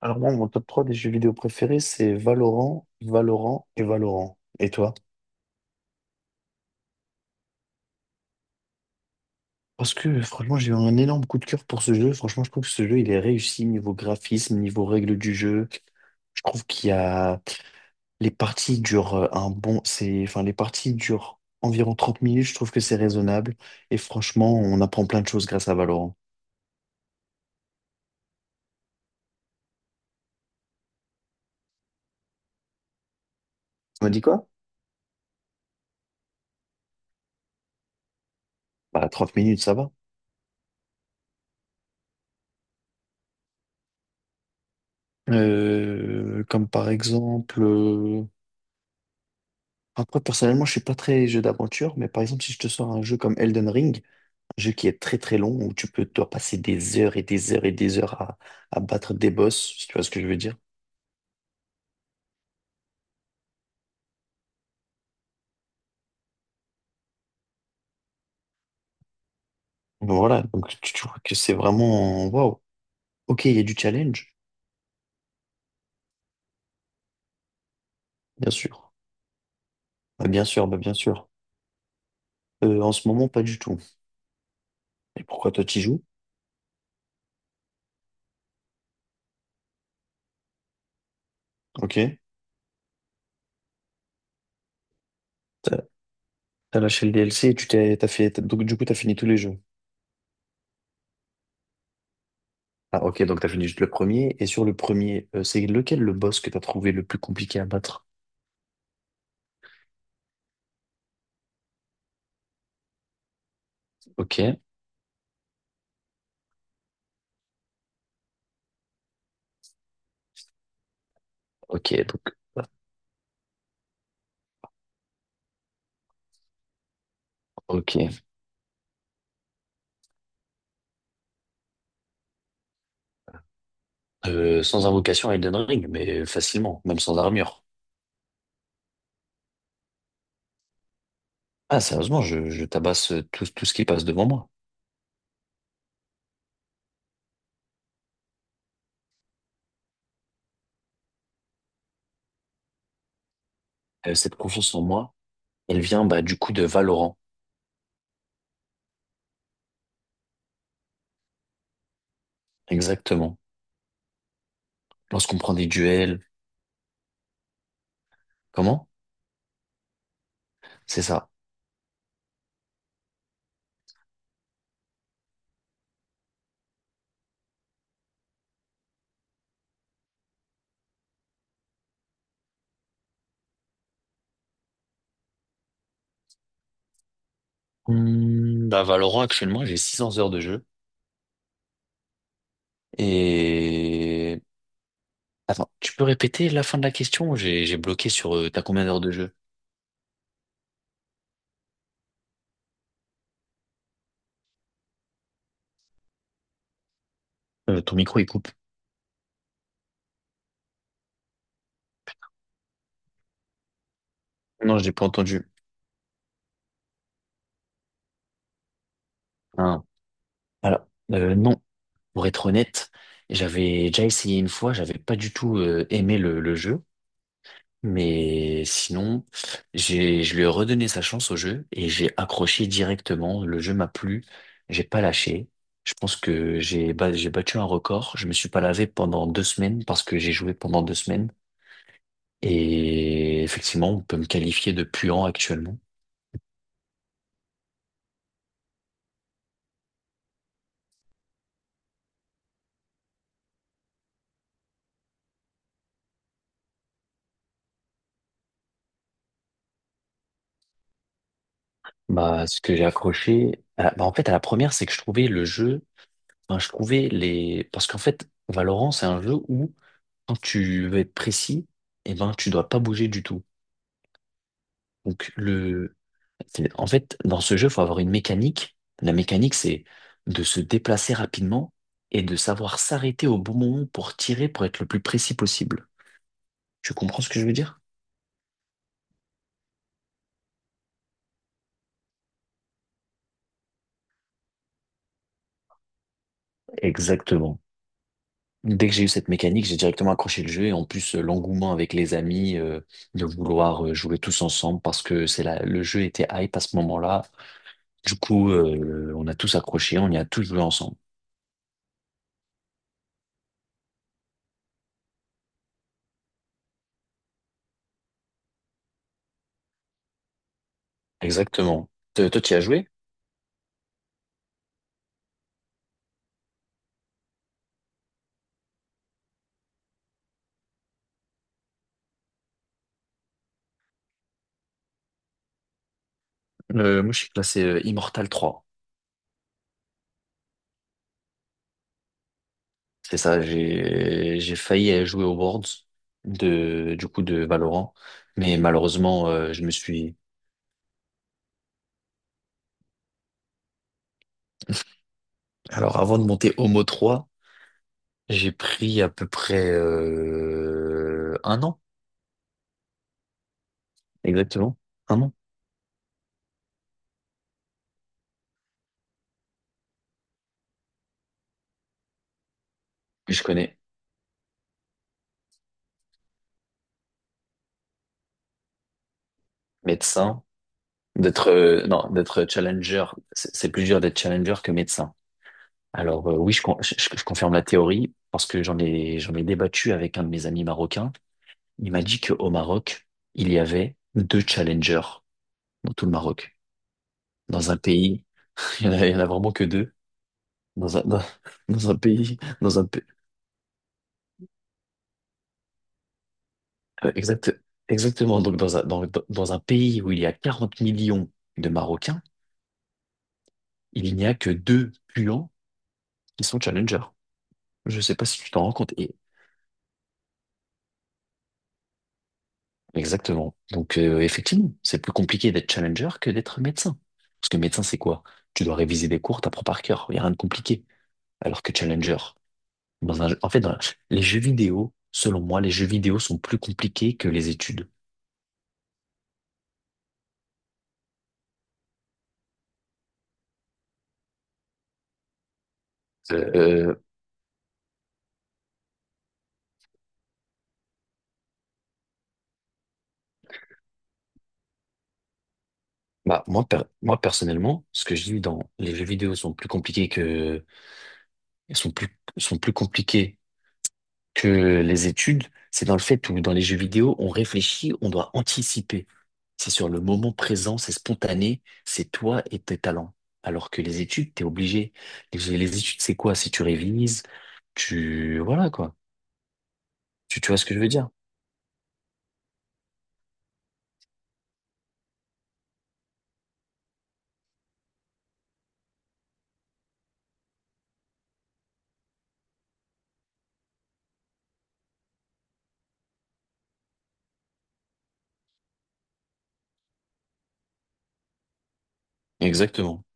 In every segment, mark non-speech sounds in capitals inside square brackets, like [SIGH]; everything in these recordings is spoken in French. Alors moi, mon top 3 des jeux vidéo préférés, c'est Valorant, Valorant et Valorant. Et toi? Parce que franchement, j'ai eu un énorme coup de cœur pour ce jeu. Franchement, je trouve que ce jeu, il est réussi niveau graphisme, niveau règles du jeu. Je trouve qu'il y a... Les parties durent un bon... C'est... Enfin, les parties durent environ 30 minutes. Je trouve que c'est raisonnable. Et franchement, on apprend plein de choses grâce à Valorant. Tu me dis quoi? Bah, 30 minutes, ça va. Comme par exemple, après, personnellement, je suis pas très jeu d'aventure, mais par exemple, si je te sors un jeu comme Elden Ring, un jeu qui est très très long, où tu peux, toi, passer des heures et des heures et des heures à battre des boss, si tu vois ce que je veux dire. Donc voilà, donc tu vois que c'est vraiment, waouh. Ok, il y a du challenge, bien sûr. Bah, bien sûr, bah, bien sûr. En ce moment, pas du tout. Et pourquoi toi, tu joues? Ok. T'as t'as lâché le DLC et tu t'es, t'as fait, t'as- donc du coup, t'as fini tous les jeux. Ah ok, donc t'as fini juste le premier. Et sur le premier, c'est lequel le boss que t'as trouvé le plus compliqué à battre? Ok. Ok. Donc, ok. Sans invocation à Elden Ring, mais facilement, même sans armure. Ah, sérieusement, je tabasse tout, tout ce qui passe devant moi. Cette confiance en moi, elle vient bah, du coup de Valorant. Exactement. Lorsqu'on prend des duels. Comment? C'est ça. Bah, Valorant, actuellement, j'ai 600 heures de jeu. Et... Attends, tu peux répéter la fin de la question? J'ai bloqué sur... t'as combien d'heures de jeu? Ton micro, il coupe. Non, je l'ai pas entendu. Ah. Alors, non. Pour être honnête, j'avais déjà essayé une fois, j'avais pas du tout aimé le jeu, mais sinon, je lui ai redonné sa chance au jeu et j'ai accroché directement. Le jeu m'a plu, j'ai pas lâché. Je pense que j'ai battu un record. Je me suis pas lavé pendant 2 semaines parce que j'ai joué pendant 2 semaines. Et effectivement, on peut me qualifier de puant actuellement. Bah, ce que j'ai accroché, bah, en fait, à la première, c'est que je trouvais le jeu. Enfin, je trouvais les... Parce qu'en fait, Valorant, c'est un jeu où, quand tu veux être précis, eh ben, tu dois pas bouger du tout. Donc, le... c'est- En fait, dans ce jeu, il faut avoir une mécanique. La mécanique, c'est de se déplacer rapidement et de savoir s'arrêter au bon moment pour tirer, pour être le plus précis possible. Tu comprends ce que je veux dire? Exactement. Dès que j'ai eu cette mécanique, j'ai directement accroché le jeu et en plus l'engouement avec les amis de vouloir jouer tous ensemble parce que c'est là le jeu était hype à ce moment-là. Du coup, on a tous accroché, on y a tous joué ensemble. Exactement. Toi, tu y as joué? Moi, je suis classé Immortal 3. C'est ça, j'ai failli aller jouer aux Worlds de du coup de Valorant, mais malheureusement, je me suis. Alors, avant de monter Homo 3, j'ai pris à peu près 1 an, exactement, 1 an. Je connais médecin d'être non d'être challenger. C'est plus dur d'être challenger que médecin. Alors oui, je confirme la théorie parce que j'en ai débattu avec un de mes amis marocains. Il m'a dit qu'au Maroc, il y avait deux challengers dans tout le Maroc. Dans un pays, [LAUGHS] il y en a vraiment que deux. Dans un, dans, dans un pays, dans un, pa- exact, exactement. Donc dans un pays où il y a 40 millions de Marocains, il n'y a que deux puants qui sont challengers. Je ne sais pas si tu t'en rends compte. Exactement. Donc, effectivement, c'est plus compliqué d'être challenger que d'être médecin. Parce que médecin, c'est quoi? Tu dois réviser des cours, t'apprends par cœur. Il n'y a rien de compliqué. Alors que challenger, dans un, en fait, dans- les jeux vidéo, selon moi, les jeux vidéo sont plus compliqués que les études. Euh, euh, bah, moi, personnellement, ce que je dis dans les jeux vidéo sont plus compliqués que, sont plus, sont plus compliqués que les études, c'est dans le fait où dans les jeux vidéo, on réfléchit, on doit anticiper. C'est sur le moment présent, c'est spontané, c'est toi et tes talents. Alors que les études, t'es obligé. Les études, c'est quoi? Si tu révises, tu... Voilà, quoi. Tu vois ce que je veux dire? Exactement.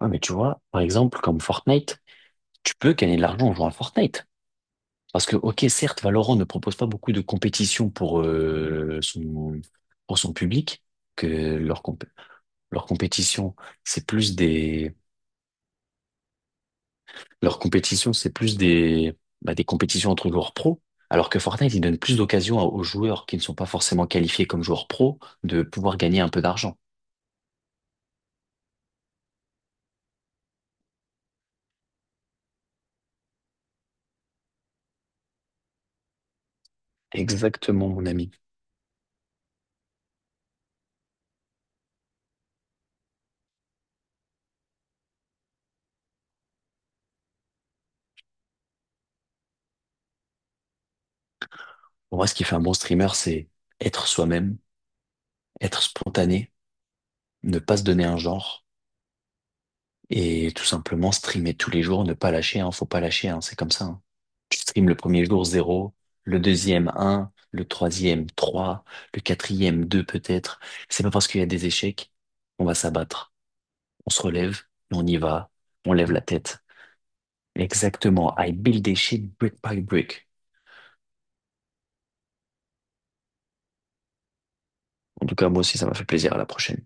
Ouais, mais tu vois, par exemple, comme Fortnite, tu peux gagner de l'argent en jouant à Fortnite. Parce que, ok, certes, Valorant ne propose pas beaucoup de compétition pour, son, pour son public, que leur, comp- leur compétition, c'est plus des. Leur compétition, c'est plus des, bah, des compétitions entre joueurs pro, alors que Fortnite, il donne plus d'occasions aux joueurs qui ne sont pas forcément qualifiés comme joueurs pro de pouvoir gagner un peu d'argent. Exactement, mon ami. Pour moi, ce qui fait un bon streamer, c'est être soi-même, être spontané, ne pas se donner un genre et tout simplement streamer tous les jours, ne pas lâcher, hein, faut pas lâcher, hein, c'est comme ça, hein. Tu streames le premier jour zéro, le deuxième un, le troisième 3, le quatrième 2 peut-être. C'est pas parce qu'il y a des échecs qu'on va s'abattre. On se relève, et on y va, on lève la tête. Exactement. I build a shit brick by brick. En tout cas, moi aussi, ça m'a fait plaisir. À la prochaine.